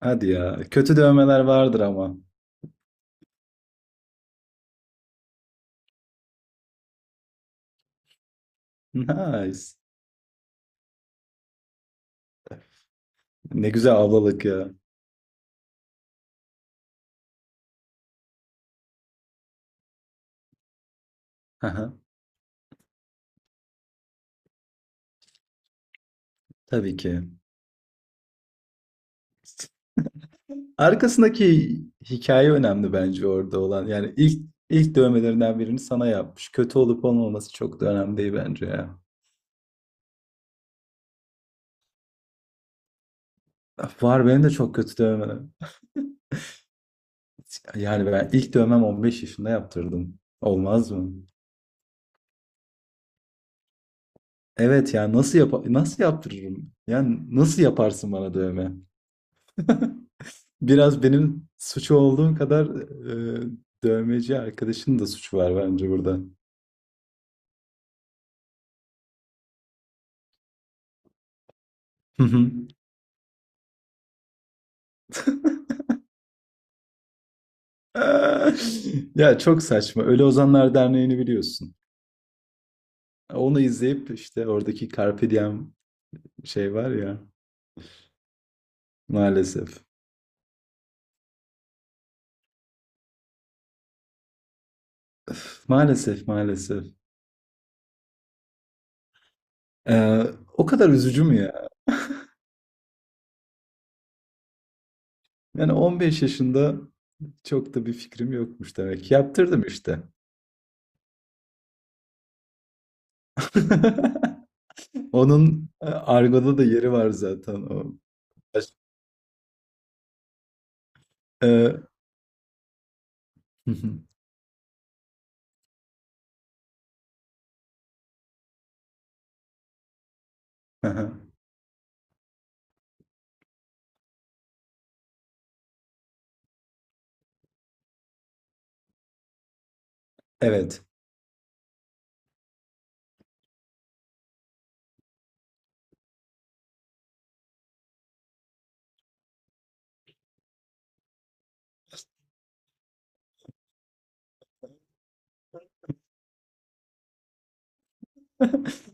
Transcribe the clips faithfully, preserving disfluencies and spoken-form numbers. Hadi ya. Kötü dövmeler vardır ama. Nice. Ne güzel ablalık ya. Aha. Tabii ki. Arkasındaki hikaye önemli bence orada olan. Yani ilk ilk dövmelerinden birini sana yapmış. Kötü olup olmaması çok da önemli değil bence ya. Var benim de çok kötü dövmelerim. Yani ben ilk dövmem on beş yaşında yaptırdım. Olmaz mı? Evet ya nasıl yap nasıl yaptırırım? Yani nasıl yaparsın bana dövme? Biraz benim suçu olduğum kadar e, dövmeci arkadaşın da suçu var bence burada. Hı hı. Ya çok saçma. Ölü Ozanlar Derneği'ni biliyorsun. Onu izleyip işte oradaki Carpe Diem şey var ya, maalesef. Öf, maalesef, maalesef. Ee, O kadar üzücü mü ya? Yani on beş yaşında çok da bir fikrim yokmuş demek ki. Yaptırdım işte. Onun e, argoda da yeri var zaten. O. Baş- Ee, Hı. Evet.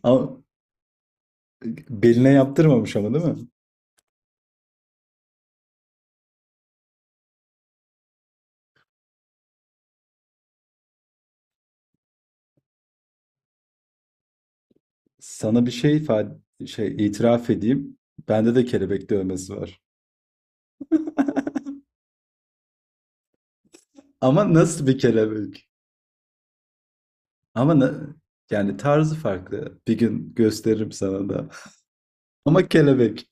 Ama beline yaptırmamış ama değil mi? Sana bir şey ifade, şey itiraf edeyim. Bende de kelebek dövmesi var. Ama nasıl bir kelebek? Ama na- yani tarzı farklı. Bir gün gösteririm sana da. Ama kelebek.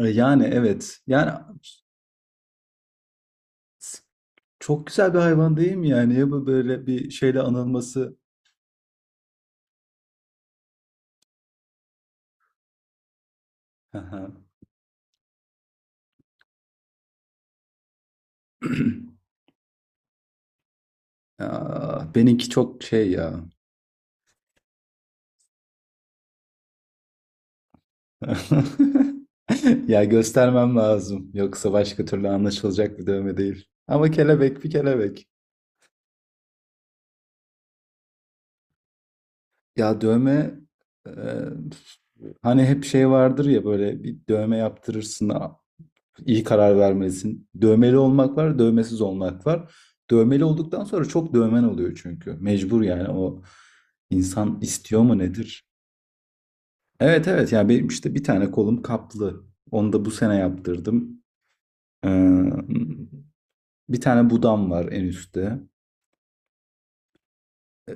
E, Yani evet. Yani s- çok güzel bir hayvan değil mi yani? Ya bu böyle bir şeyle anılması. Hı hı. Benimki çok şey ya. Ya göstermem lazım. Yoksa başka türlü anlaşılacak bir dövme değil. Ama kelebek bir kelebek. Ya dövme, e, hani hep şey vardır ya, böyle bir dövme yaptırırsın a- iyi karar vermelisin. Dövmeli olmak var, dövmesiz olmak var. Dövmeli olduktan sonra çok dövmen oluyor çünkü. Mecbur yani o insan istiyor mu nedir? Evet, evet, yani benim işte bir tane kolum kaplı. Onu da bu sene yaptırdım. Ee, Bir tane budam var en üstte.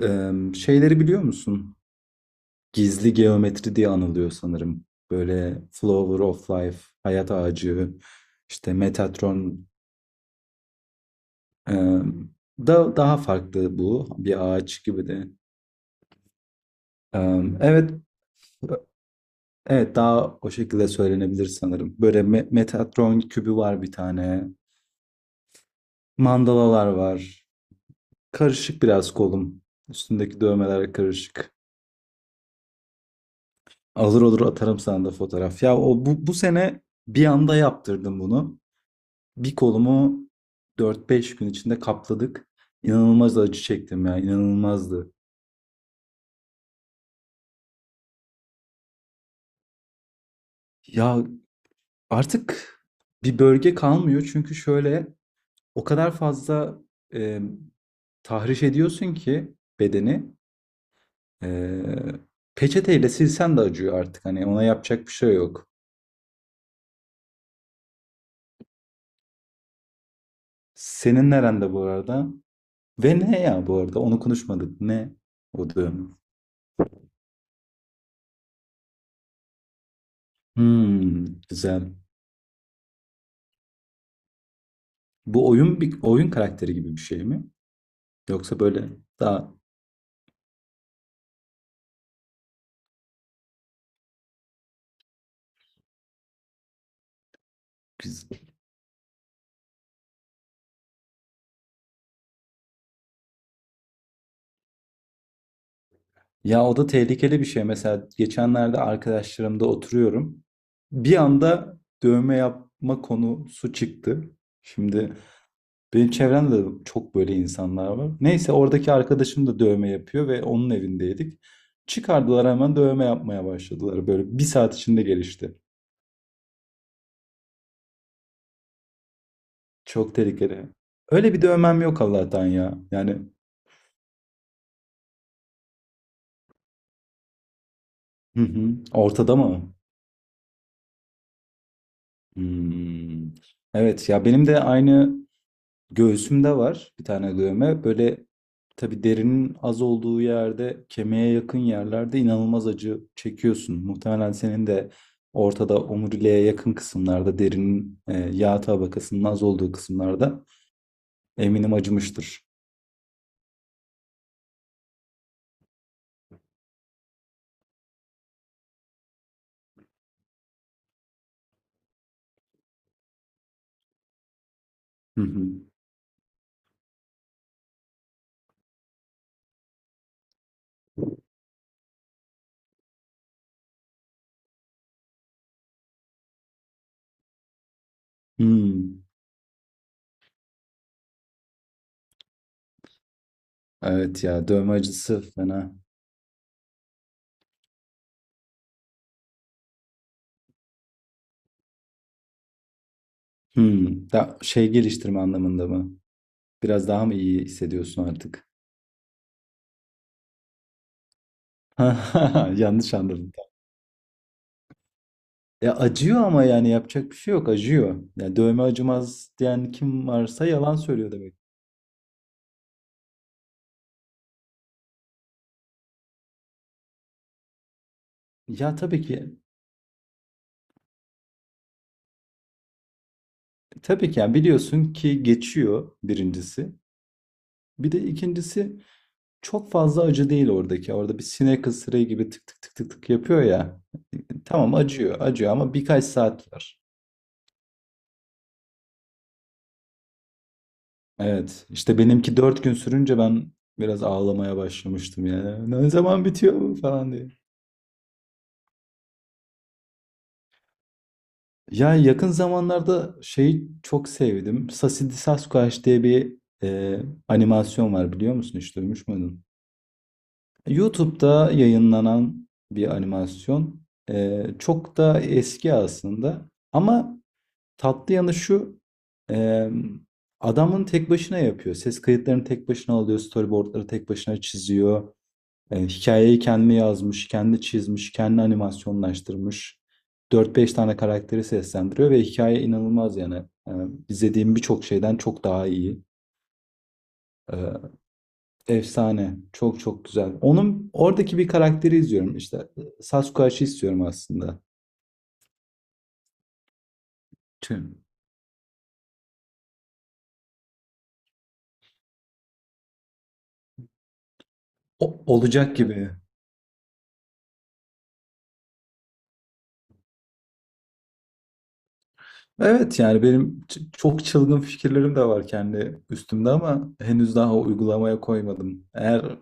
Ee, şeyleri biliyor musun? Gizli geometri diye anılıyor sanırım. Böyle Flower of Life, Hayat Ağacı, işte Metatron. ee, da Daha farklı bu. Bir ağaç gibi de. Ee, evet, evet, daha o şekilde söylenebilir sanırım. Böyle Me- Metatron kübü var bir tane. Mandalalar var. Karışık biraz kolum. Üstündeki dövmeler karışık. Alır olur atarım sana da fotoğraf. Ya o bu, bu sene bir anda yaptırdım bunu. Bir kolumu dört beş gün içinde kapladık. İnanılmaz acı çektim ya, inanılmazdı. Ya artık bir bölge kalmıyor çünkü şöyle o kadar fazla e, tahriş ediyorsun ki bedeni, e, peçeteyle silsen de acıyor artık. Hani ona yapacak bir şey yok. Senin nerende bu arada? Ve ne ya bu arada? Onu konuşmadık. Ne o dövme? Hmm, güzel. Bu oyun bir oyun karakteri gibi bir şey mi? Yoksa böyle daha güzel. Ya o da tehlikeli bir şey. Mesela geçenlerde arkadaşlarımda oturuyorum. Bir anda dövme yapma konusu çıktı. Şimdi benim çevremde de çok böyle insanlar var. Neyse, oradaki arkadaşım da dövme yapıyor ve onun evindeydik. Çıkardılar, hemen dövme yapmaya başladılar. Böyle bir saat içinde gelişti. Çok tehlikeli. Öyle bir dövmem yok Allah'tan ya. Yani hı hı. Ortada mı? Hmm. Evet ya benim de aynı. Göğsümde var bir tane dövme. Böyle tabii derinin az olduğu yerde, kemiğe yakın yerlerde inanılmaz acı çekiyorsun. Muhtemelen senin de ortada omuriliğe yakın kısımlarda, derinin e, yağ tabakasının az olduğu kısımlarda eminim acımıştır. Hı hı. Hmm. Evet ya, dövme acısı fena. Hmm. Da şey geliştirme anlamında mı? Biraz daha mı iyi hissediyorsun artık? Yanlış anladım. Ya acıyor ama yani yapacak bir şey yok, acıyor. Yani dövme acımaz diyen kim varsa yalan söylüyor demek. Ya tabii ki tabii ki yani biliyorsun ki geçiyor birincisi. Bir de ikincisi, çok fazla acı değil oradaki. Orada bir sinek ısırığı gibi tık tık tık tık tık yapıyor ya. Tamam, acıyor, acıyor ama birkaç saat var. Evet işte benimki dört gün sürünce ben biraz ağlamaya başlamıştım yani. Ne zaman bitiyor bu falan. Ya yakın zamanlarda şeyi çok sevdim. Sassy Sasquatch diye bir e, animasyon var, biliyor musun? Hiç duymuş muydun? YouTube'da yayınlanan bir animasyon. E, çok da eski aslında. Ama tatlı yanı şu. e, Adamın tek başına yapıyor. Ses kayıtlarını tek başına alıyor. Storyboardları tek başına çiziyor. E, hikayeyi kendi yazmış, kendi çizmiş, kendi animasyonlaştırmış. Dört beş tane karakteri seslendiriyor ve hikaye inanılmaz yani. E, izlediğim birçok şeyden çok daha iyi. E, Efsane. Çok çok güzel. Onun oradaki bir karakteri izliyorum işte. Sasquatch'ı istiyorum aslında. Tüm. O- olacak gibi. Evet yani benim ç- çok çılgın fikirlerim de var kendi üstümde ama henüz daha uygulamaya koymadım. Eğer.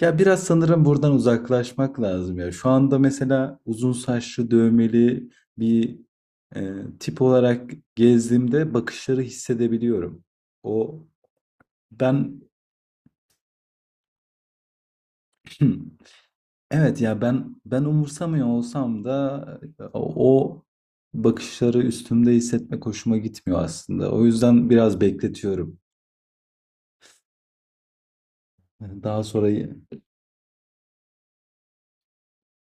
Ya biraz sanırım buradan uzaklaşmak lazım ya. Şu anda mesela uzun saçlı dövmeli bir e, tip olarak gezdiğimde bakışları hissedebiliyorum. O ben evet ya, ben ben umursamıyor olsam da e, o bakışları üstümde hissetmek hoşuma gitmiyor aslında. O yüzden biraz bekletiyorum. Daha sonra,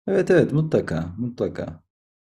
evet, evet, mutlaka, mutlaka.